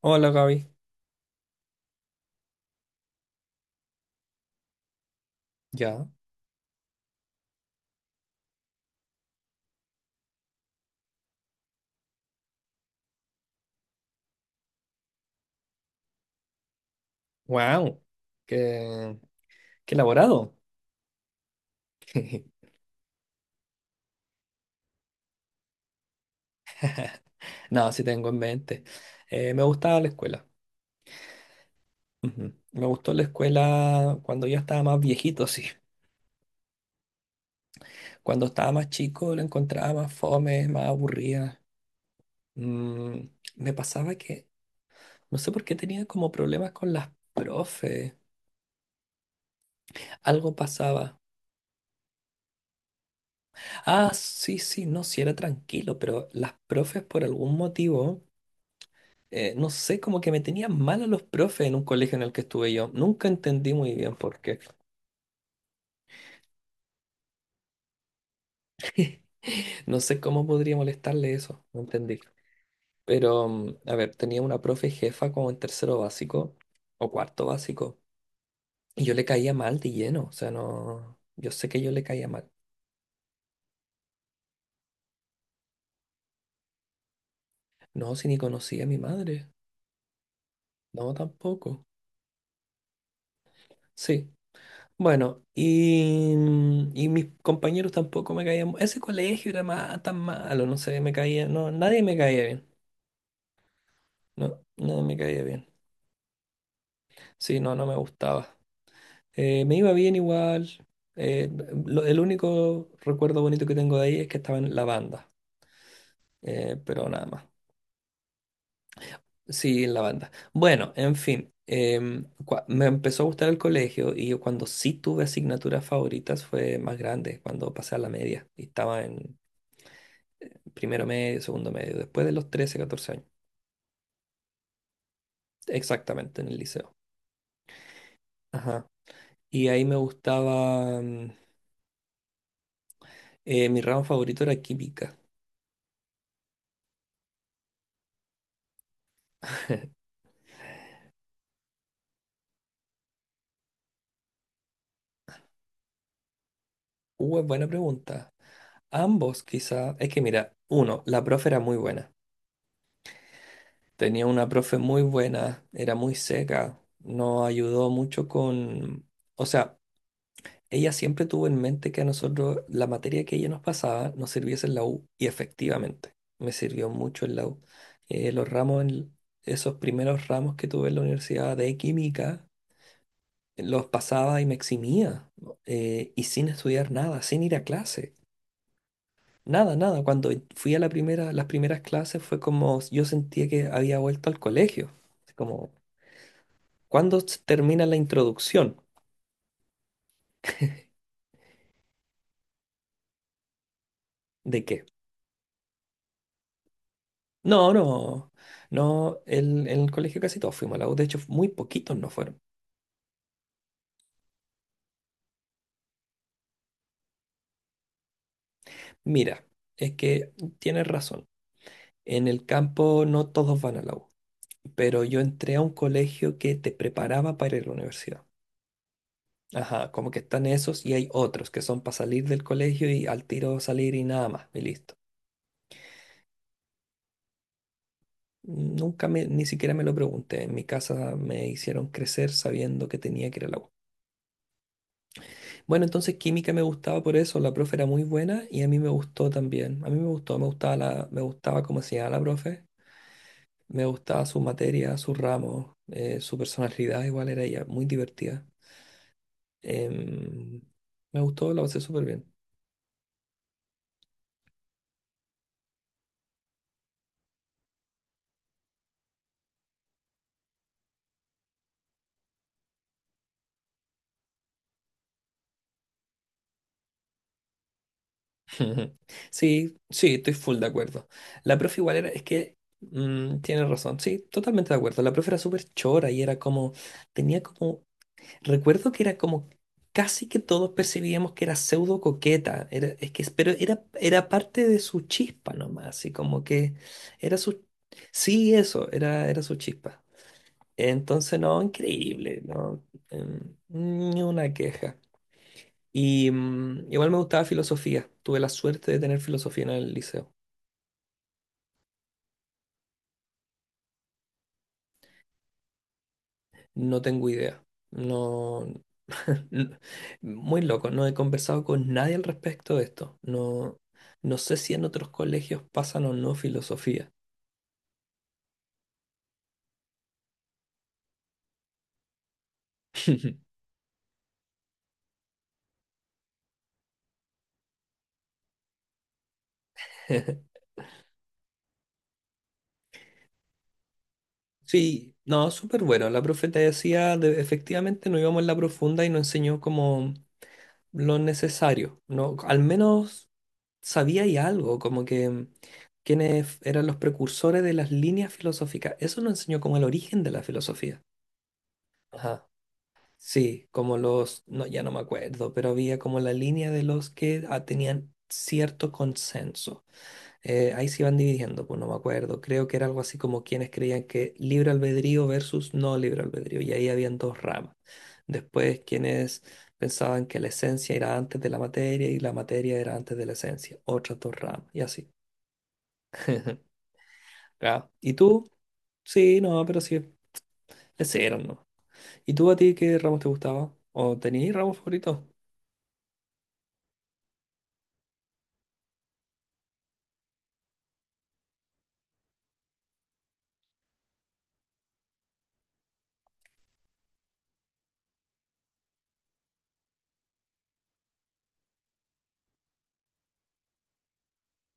Hola Gaby, ya, wow, qué, qué elaborado. No, sí tengo en mente. Me gustaba la escuela. Ujú. Me gustó la escuela cuando ya estaba más viejito, sí. Cuando estaba más chico la encontraba más fome, más aburrida. Mm, me pasaba que, no sé por qué tenía como problemas con las profes. Algo pasaba. Ah, sí, sí, no, sí era tranquilo, pero las profes por algún motivo no sé, como que me tenían mal a los profes en un colegio en el que estuve yo. Nunca entendí muy bien por qué. No sé cómo podría molestarle eso, no entendí. Pero, a ver, tenía una profe jefa como en tercero básico o cuarto básico. Y yo le caía mal de lleno, o sea, no, yo sé que yo le caía mal. No, si ni conocía a mi madre. No, tampoco. Sí. Bueno, y mis compañeros tampoco me caían. Ese colegio era tan malo, no sé, me caía, no, nadie me caía bien. No, no me caía bien. Sí, no, no me gustaba. Me iba bien igual. Eh, el único recuerdo bonito que tengo de ahí es que estaba en la banda, pero nada más. Sí, en la banda. Bueno, en fin, me empezó a gustar el colegio y yo cuando sí tuve asignaturas favoritas fue más grande, cuando pasé a la media y estaba en primero medio, segundo medio, después de los 13 14 años, exactamente en el liceo. Ajá. Y ahí me gustaba, mi ramo favorito era química. Es buena pregunta. Ambos quizá. Es que mira, uno, la profe era muy buena. Tenía una profe muy buena, era muy seca, nos ayudó mucho. Con... O sea, ella siempre tuvo en mente que a nosotros la materia que ella nos pasaba nos sirviese en la U y efectivamente me sirvió mucho en la U. Eh, los ramos, en- esos primeros ramos que tuve en la universidad de química, los pasaba y me eximía y sin estudiar nada, sin ir a clase. Nada, nada. Cuando fui a las primeras clases fue como yo sentía que había vuelto al colegio. Así como, ¿cuándo termina la introducción? ¿De qué? No, no, no. En el colegio casi todos fuimos a la U. De hecho, muy poquitos no fueron. Mira, es que tienes razón. En el campo no todos van a la U. Pero yo entré a un colegio que te preparaba para ir a la universidad. Ajá, como que están esos y hay otros que son para salir del colegio y al tiro salir y nada más, y listo. Nunca me, ni siquiera me lo pregunté. En mi casa me hicieron crecer sabiendo que tenía que ir al agua. Bueno, entonces química me gustaba por eso. La profe era muy buena y a mí me gustó también. A mí me gustó, me gustaba cómo enseñaba la profe. Me gustaba su materia, su ramo, su personalidad. Igual era ella muy divertida. Em, me gustó, la pasé súper bien. Ujú. Sí, sí, estoy full de acuerdo. La profe igual era, es que tiene razón, sí, totalmente de acuerdo. La profe era súper chora y era como, tenía como, recuerdo que era como, casi que todos percibíamos que era pseudo coqueta, era, es que, pero era parte de su chispa nomás, así como que era su, sí, eso, era su chispa. Entonces, no, increíble, no. Ni una queja. Y igual me gustaba filosofía. Tuve la suerte de tener filosofía en el liceo. No tengo idea. No. n- Muy loco. No he conversado con nadie al respecto de esto. No, no sé si en otros colegios pasan o no filosofía. Sí, no, súper bueno. La profe te decía, efectivamente no íbamos en la profunda y nos enseñó como lo necesario, ¿no? Al menos sabía y algo, como que quiénes eran los precursores de las líneas filosóficas. Eso nos enseñó como el origen de la filosofía. Ajá. Sí, como los, no, ya no me acuerdo, pero había como la línea de los que tenían cierto consenso ahí se iban dividiendo, pues no me acuerdo. Creo que era algo así como quienes creían que libre albedrío versus no libre albedrío, y ahí habían dos ramas. Después quienes pensaban que la esencia era antes de la materia y la materia era antes de la esencia, otras dos ramas, y así. Claro. ¿Y tú? Sí, no, pero sí, ese era, ¿no? ¿Y tú a ti qué ramos te gustaba? ¿O tenías ramos favoritos?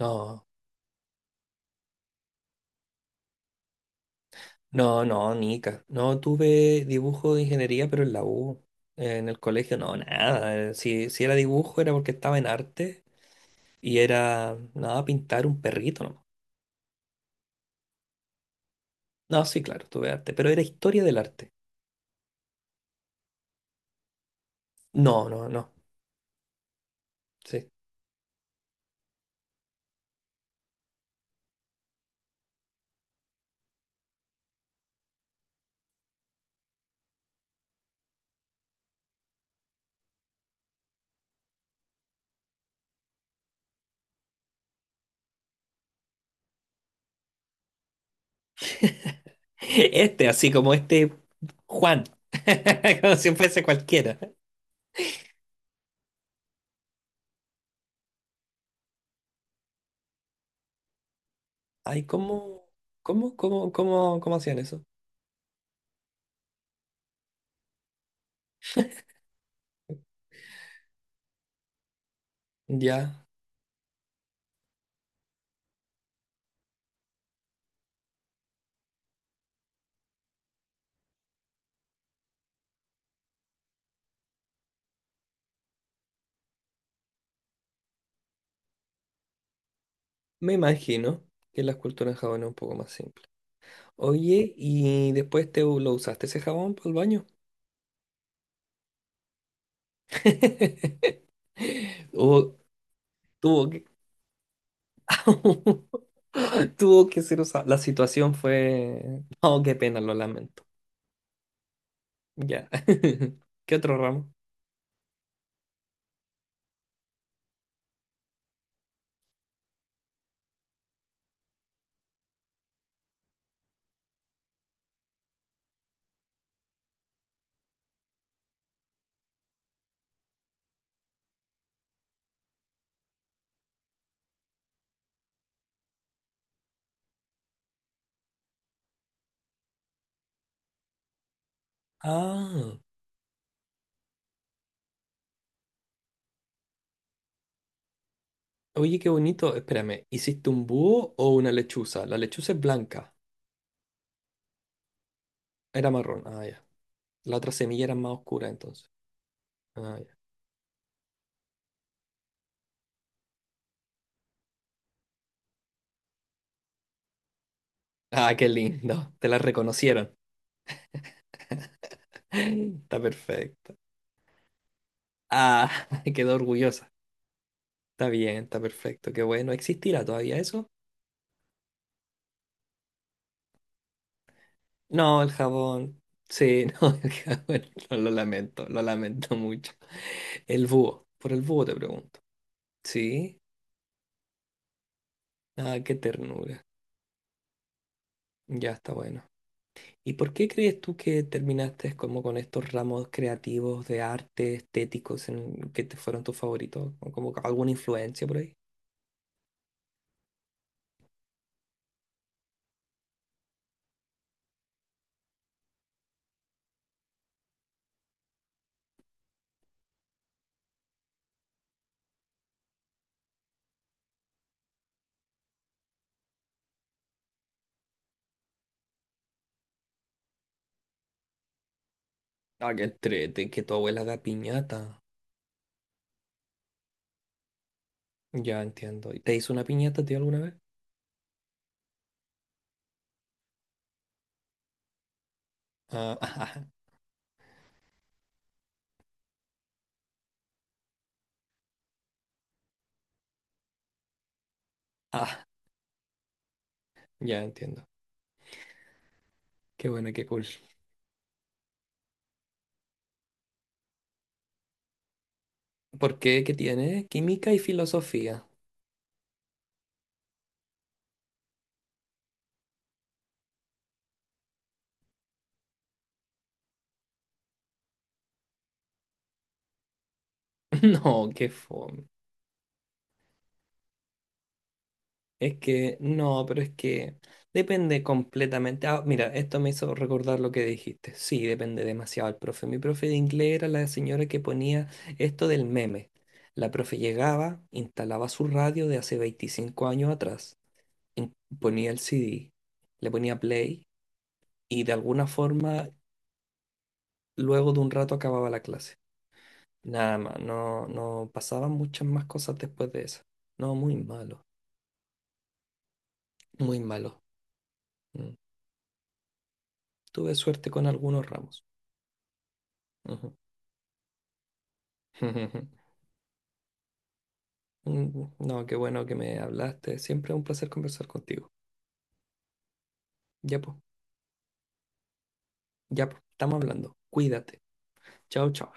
No. No, no, Nica. No tuve dibujo de ingeniería, pero en la U. En el colegio, no, nada. Si era dibujo era porque estaba en arte y era, nada, pintar un perrito nomás. No, sí, claro, tuve arte, pero era historia del arte. No, no, no. Sí. Este, así como este Juan. Como si fuese cualquiera. Ay, ¿cómo hacían eso? Ya, me imagino que la escultura en Japón es un poco más simple. Oye, ¿y después te lo usaste ese jabón para el baño? O tuvo que... tuvo que ser usado. Oh, qué pena, lo lamento. Ya. ¿Qué otro ramo? Ah, oye, qué bonito. Espérame, ¿hiciste un búho o una lechuza? La lechuza es blanca, era marrón. Ah, ya. La otra semilla era más oscura entonces. Ah, ya. Ah, qué lindo. Te la reconocieron. Está perfecto. Ah, quedó orgullosa. Está bien, está perfecto, qué bueno. ¿Existirá todavía eso? No, el jabón. Sí, no, el jabón. No, lo lamento mucho. El búho, por el búho te pregunto. Sí, ah, qué ternura. Ya está bueno. ¿Y por qué crees tú que terminaste como con estos ramos creativos de arte, estéticos, en que te fueron tus favoritos? ¿O como que alguna influencia por ahí? Ah, qué entrete, que tu abuela da piñata. Ya entiendo. ¿Te hizo una piñata, tío, alguna vez? Ah, ah, ah, ya entiendo. Qué bueno, qué cool. ¿Por qué? ¿Qué tiene? Química y filosofía. No, qué fome. Es que, no, pero es que depende completamente. Ah, mira, esto me hizo recordar lo que dijiste. Sí, depende demasiado el profe. Mi profe de inglés era la señora que ponía esto del meme. La profe llegaba, instalaba su radio de hace 25 años atrás, in- ponía el CD, le ponía play y de alguna forma, luego de un rato acababa la clase. Nada más, no, no pasaban muchas más cosas después de eso. No, muy malo, muy malo. Mm. Tuve suerte con algunos ramos. Ujú. No, qué bueno que me hablaste. Siempre es un placer conversar contigo. Ya pues, ya pues, estamos hablando. Cuídate. Chao, chao.